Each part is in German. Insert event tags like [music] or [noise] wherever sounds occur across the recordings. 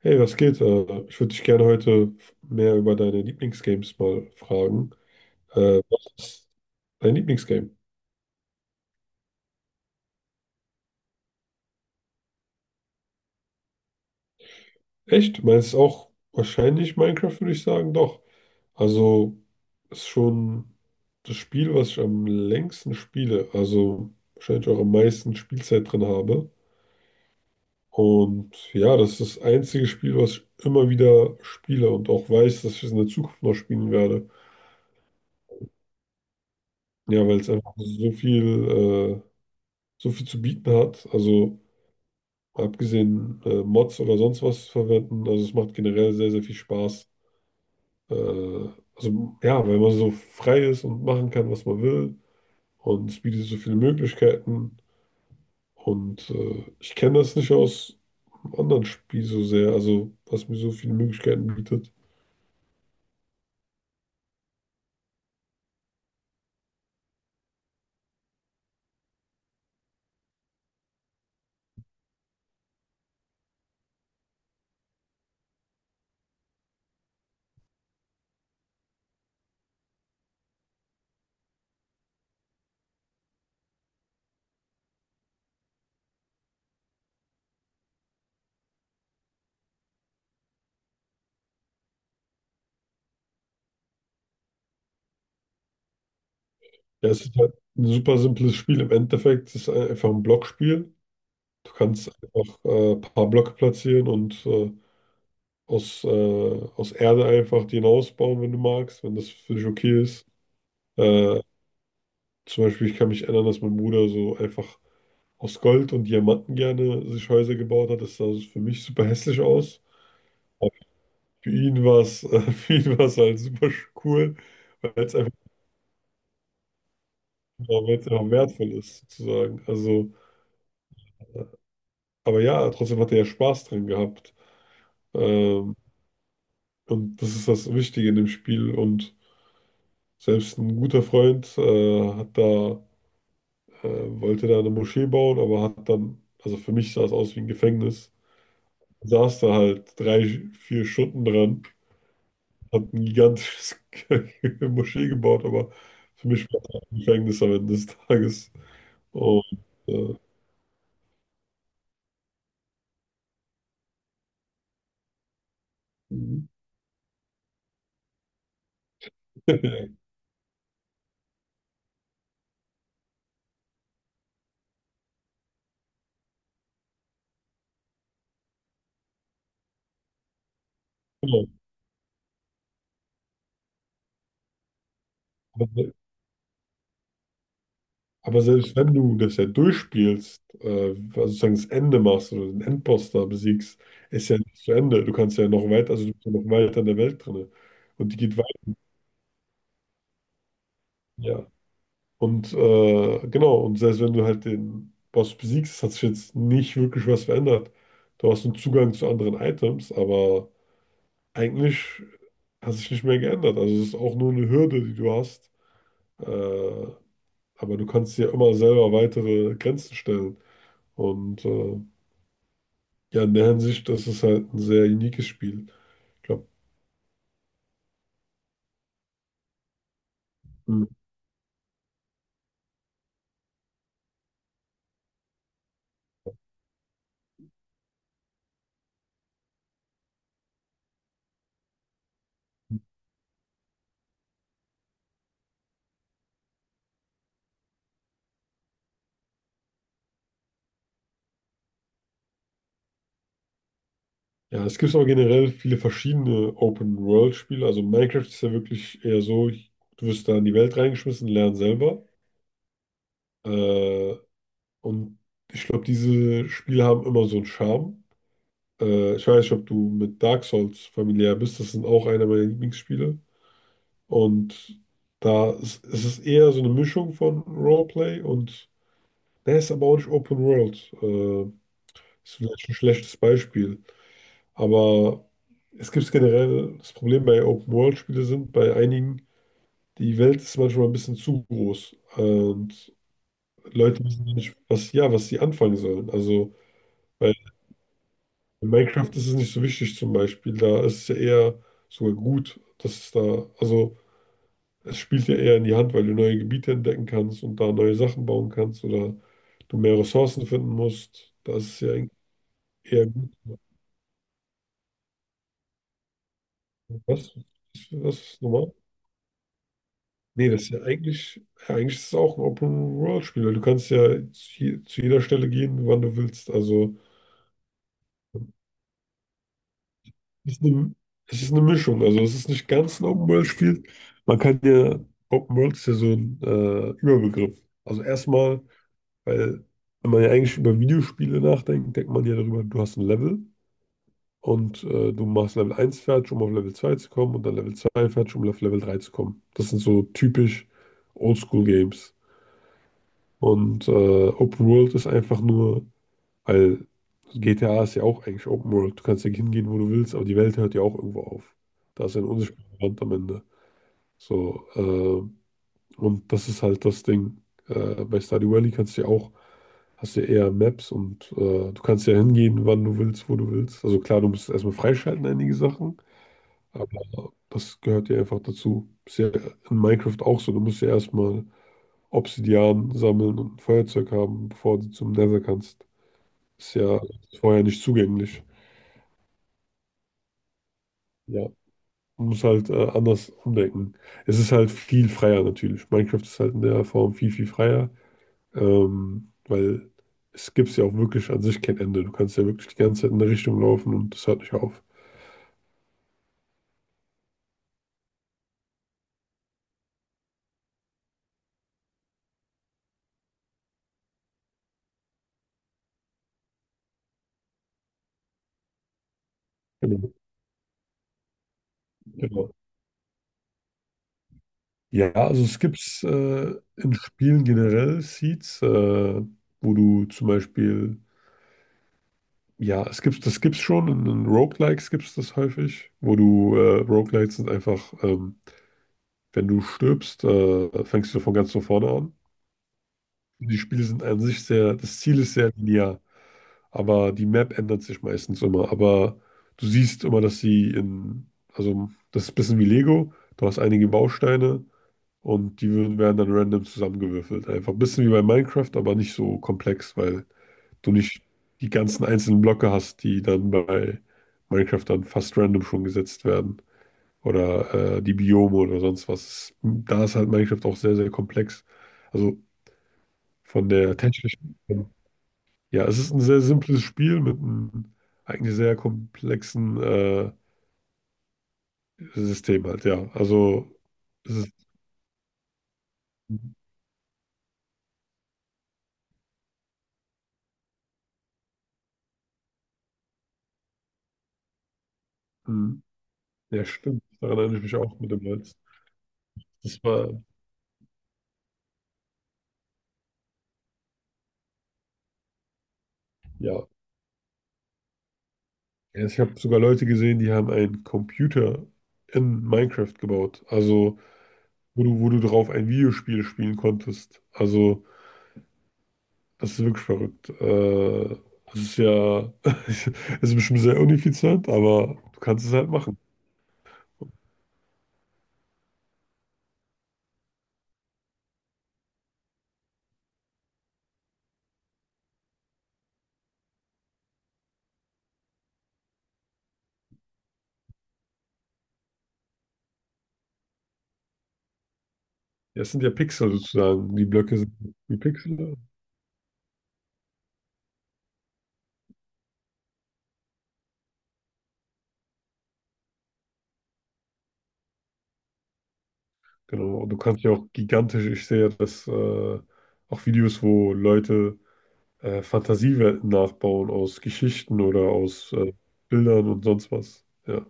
Hey, was geht? Ich würde dich gerne heute mehr über deine Lieblingsgames mal fragen. Was ist dein Lieblingsgame? Echt? Meinst du auch wahrscheinlich Minecraft, würde ich sagen? Doch. Also ist schon das Spiel, was ich am längsten spiele. Also wahrscheinlich auch am meisten Spielzeit drin habe. Und ja, das ist das einzige Spiel, was ich immer wieder spiele und auch weiß, dass ich es in der Zukunft noch spielen werde. Ja, weil es einfach äh, so viel zu bieten hat. Also abgesehen Mods oder sonst was verwenden. Also es macht generell sehr, sehr viel Spaß. Also ja, weil man so frei ist und machen kann, was man will. Und es bietet so viele Möglichkeiten. Und ich kenne das nicht aus einem anderen Spiel so sehr, also was mir so viele Möglichkeiten bietet. Ja, es ist halt ein super simples Spiel im Endeffekt. Es ist einfach ein Blockspiel. Du kannst einfach ein paar Blöcke platzieren und aus, äh, aus Erde einfach den ausbauen, wenn du magst, wenn das für dich okay ist. Äh, Zum Beispiel, ich kann mich erinnern, dass mein Bruder so einfach aus Gold und Diamanten gerne sich Häuser gebaut hat. Das sah so für mich super hässlich aus. Aber für ihn war es, [laughs] für ihn war es halt super cool, weil es einfach wertvoll ist, sozusagen. Also, aber ja, trotzdem hat er ja Spaß dran gehabt. Ähm, und das ist das Wichtige in dem Spiel. Und selbst ein guter Freund äh, wollte da eine Moschee bauen, aber hat dann, also für mich sah es aus wie ein Gefängnis. Saß da halt 3, 4 Stunden dran, hat ein gigantisches [laughs] Moschee gebaut, aber für mich war das ein Gefängnis am Ende des Tages. Und, äh, [laughs] genau. aber, se- aber selbst wenn du das ja durchspielst, also sozusagen das Ende machst oder den Endboss da besiegst, ist ja nicht zu Ende. Du kannst ja noch weiter, also du bist ja noch weiter in der Welt drin. Und die geht weiter. Ja, und genau, und selbst wenn du halt den Boss besiegst, hat sich jetzt nicht wirklich was verändert. Du hast einen Zugang zu anderen Items, aber eigentlich hat sich nicht mehr geändert. Also es ist auch nur eine Hürde, die du hast. Äh, aber du kannst dir immer selber weitere Grenzen stellen. Und ja, in der Hinsicht, das ist halt ein sehr uniques Spiel. Ich glaube, ja, es gibt aber generell viele verschiedene Open-World-Spiele. Also Minecraft ist ja wirklich eher so, du wirst da in die Welt reingeschmissen, lern selber. Äh, und ich glaube, diese Spiele haben immer so einen Charme. Ich weiß nicht, ob du mit Dark Souls familiär bist. Das sind auch einer meiner Lieblingsspiele. Und da ist, es ist eher so eine Mischung von Roleplay und der ist aber auch nicht Open World. Ist vielleicht ein schlechtes Beispiel. Aber es gibt generell das Problem bei Open World Spiele sind, bei einigen, die Welt ist manchmal ein bisschen zu groß. Und Leute wissen nicht, was, ja, was sie anfangen sollen. Also, weil in Minecraft ist es nicht so wichtig zum Beispiel. Da ist es ja eher sogar gut, dass es da, also es spielt ja eher in die Hand, weil du neue Gebiete entdecken kannst und da neue Sachen bauen kannst oder du mehr Ressourcen finden musst. Da ist es ja eigentlich eher gut. Was? Was ist normal? Nee, das ist ja, eigentlich ist es auch ein Open-World-Spiel, weil du kannst ja zu jeder Stelle gehen, wann du willst. Also es ist es ist eine Mischung, also es ist nicht ganz ein Open-World-Spiel. Man kann ja, Open-World ist ja so ein Überbegriff. Also erstmal, weil wenn man ja eigentlich über Videospiele nachdenkt, denkt man ja darüber, du hast ein Level und du machst Level 1 fertig, um auf Level 2 zu kommen und dann Level 2 fertig, um auf Level 3 zu kommen. Das sind so typisch Oldschool-Games. Und Open-World ist einfach nur weil GTA ist ja auch eigentlich Open World. Du kannst ja hingehen, wo du willst, aber die Welt hört ja auch irgendwo auf. Da ist ja ein unsichtbarer Rand am Ende. So, und das ist halt das Ding. Bei Stardew Valley kannst du ja auch, hast du ja eher Maps und du kannst ja hingehen, wann du willst, wo du willst. Also klar, du musst erstmal freischalten, einige Sachen, aber das gehört ja einfach dazu. Ist ja in Minecraft auch so. Du musst ja erstmal Obsidian sammeln und ein Feuerzeug haben, bevor du zum Nether kannst. Ist ja vorher nicht zugänglich. Ja, man muss halt anders umdenken. Es ist halt viel freier natürlich. Minecraft ist halt in der Form viel, viel freier, weil es gibt ja auch wirklich an sich kein Ende. Du kannst ja wirklich die ganze Zeit in eine Richtung laufen und das hört nicht auf. Genau. Genau. Ja, also es gibt in Spielen generell Seeds, wo du zum Beispiel, ja, es gibt, das gibt's schon, in Roguelikes gibt es das häufig, Roguelikes sind einfach, wenn du stirbst, fängst du von ganz von vorne an. Die Spiele sind an sich sehr, das Ziel ist sehr linear, aber die Map ändert sich meistens immer. Aber du siehst immer, dass sie in, also das ist ein bisschen wie Lego, du hast einige Bausteine und die werden dann random zusammengewürfelt. Einfach ein bisschen wie bei Minecraft, aber nicht so komplex, weil du nicht die ganzen einzelnen Blöcke hast, die dann bei Minecraft dann fast random schon gesetzt werden. Oder die Biome oder sonst was. Da ist halt Minecraft auch sehr, sehr komplex. Also von der technischen. Ja, es ist ein sehr simples Spiel mit einem eigentlich sehr komplexen System halt, ja. Also es ist, ein- ja stimmt, daran erinnere ich mich auch mit dem Holz. Das war, ja, ja, ich habe sogar Leute gesehen, die haben einen Computer in Minecraft gebaut, also wo du drauf ein Videospiel spielen konntest. Also das ist wirklich verrückt. Das ist ja, [laughs] es ist bestimmt sehr ineffizient, aber du kannst es halt machen. Ja, es sind ja Pixel sozusagen. Die Blöcke sind wie Pixel, ne? Genau. Und du kannst ja auch gigantisch, ich sehe ja das, auch Videos, wo Leute Fantasiewelten nachbauen aus Geschichten oder aus Bildern und sonst was. Ja.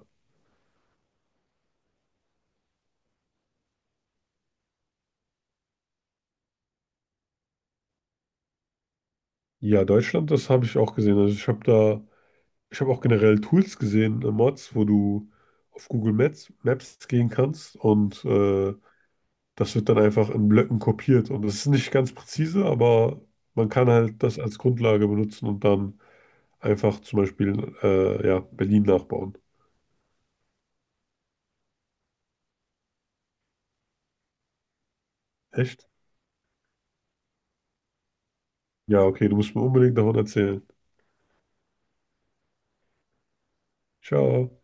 Ja, Deutschland, das habe ich auch gesehen. Also ich habe auch generell Tools gesehen, Mods, wo du auf Google Maps gehen kannst und das wird dann einfach in Blöcken kopiert. Und das ist nicht ganz präzise, aber man kann halt das als Grundlage benutzen und dann einfach zum Beispiel, ja, Berlin nachbauen. Echt? Ja, okay, du musst mir unbedingt davon erzählen. Ciao.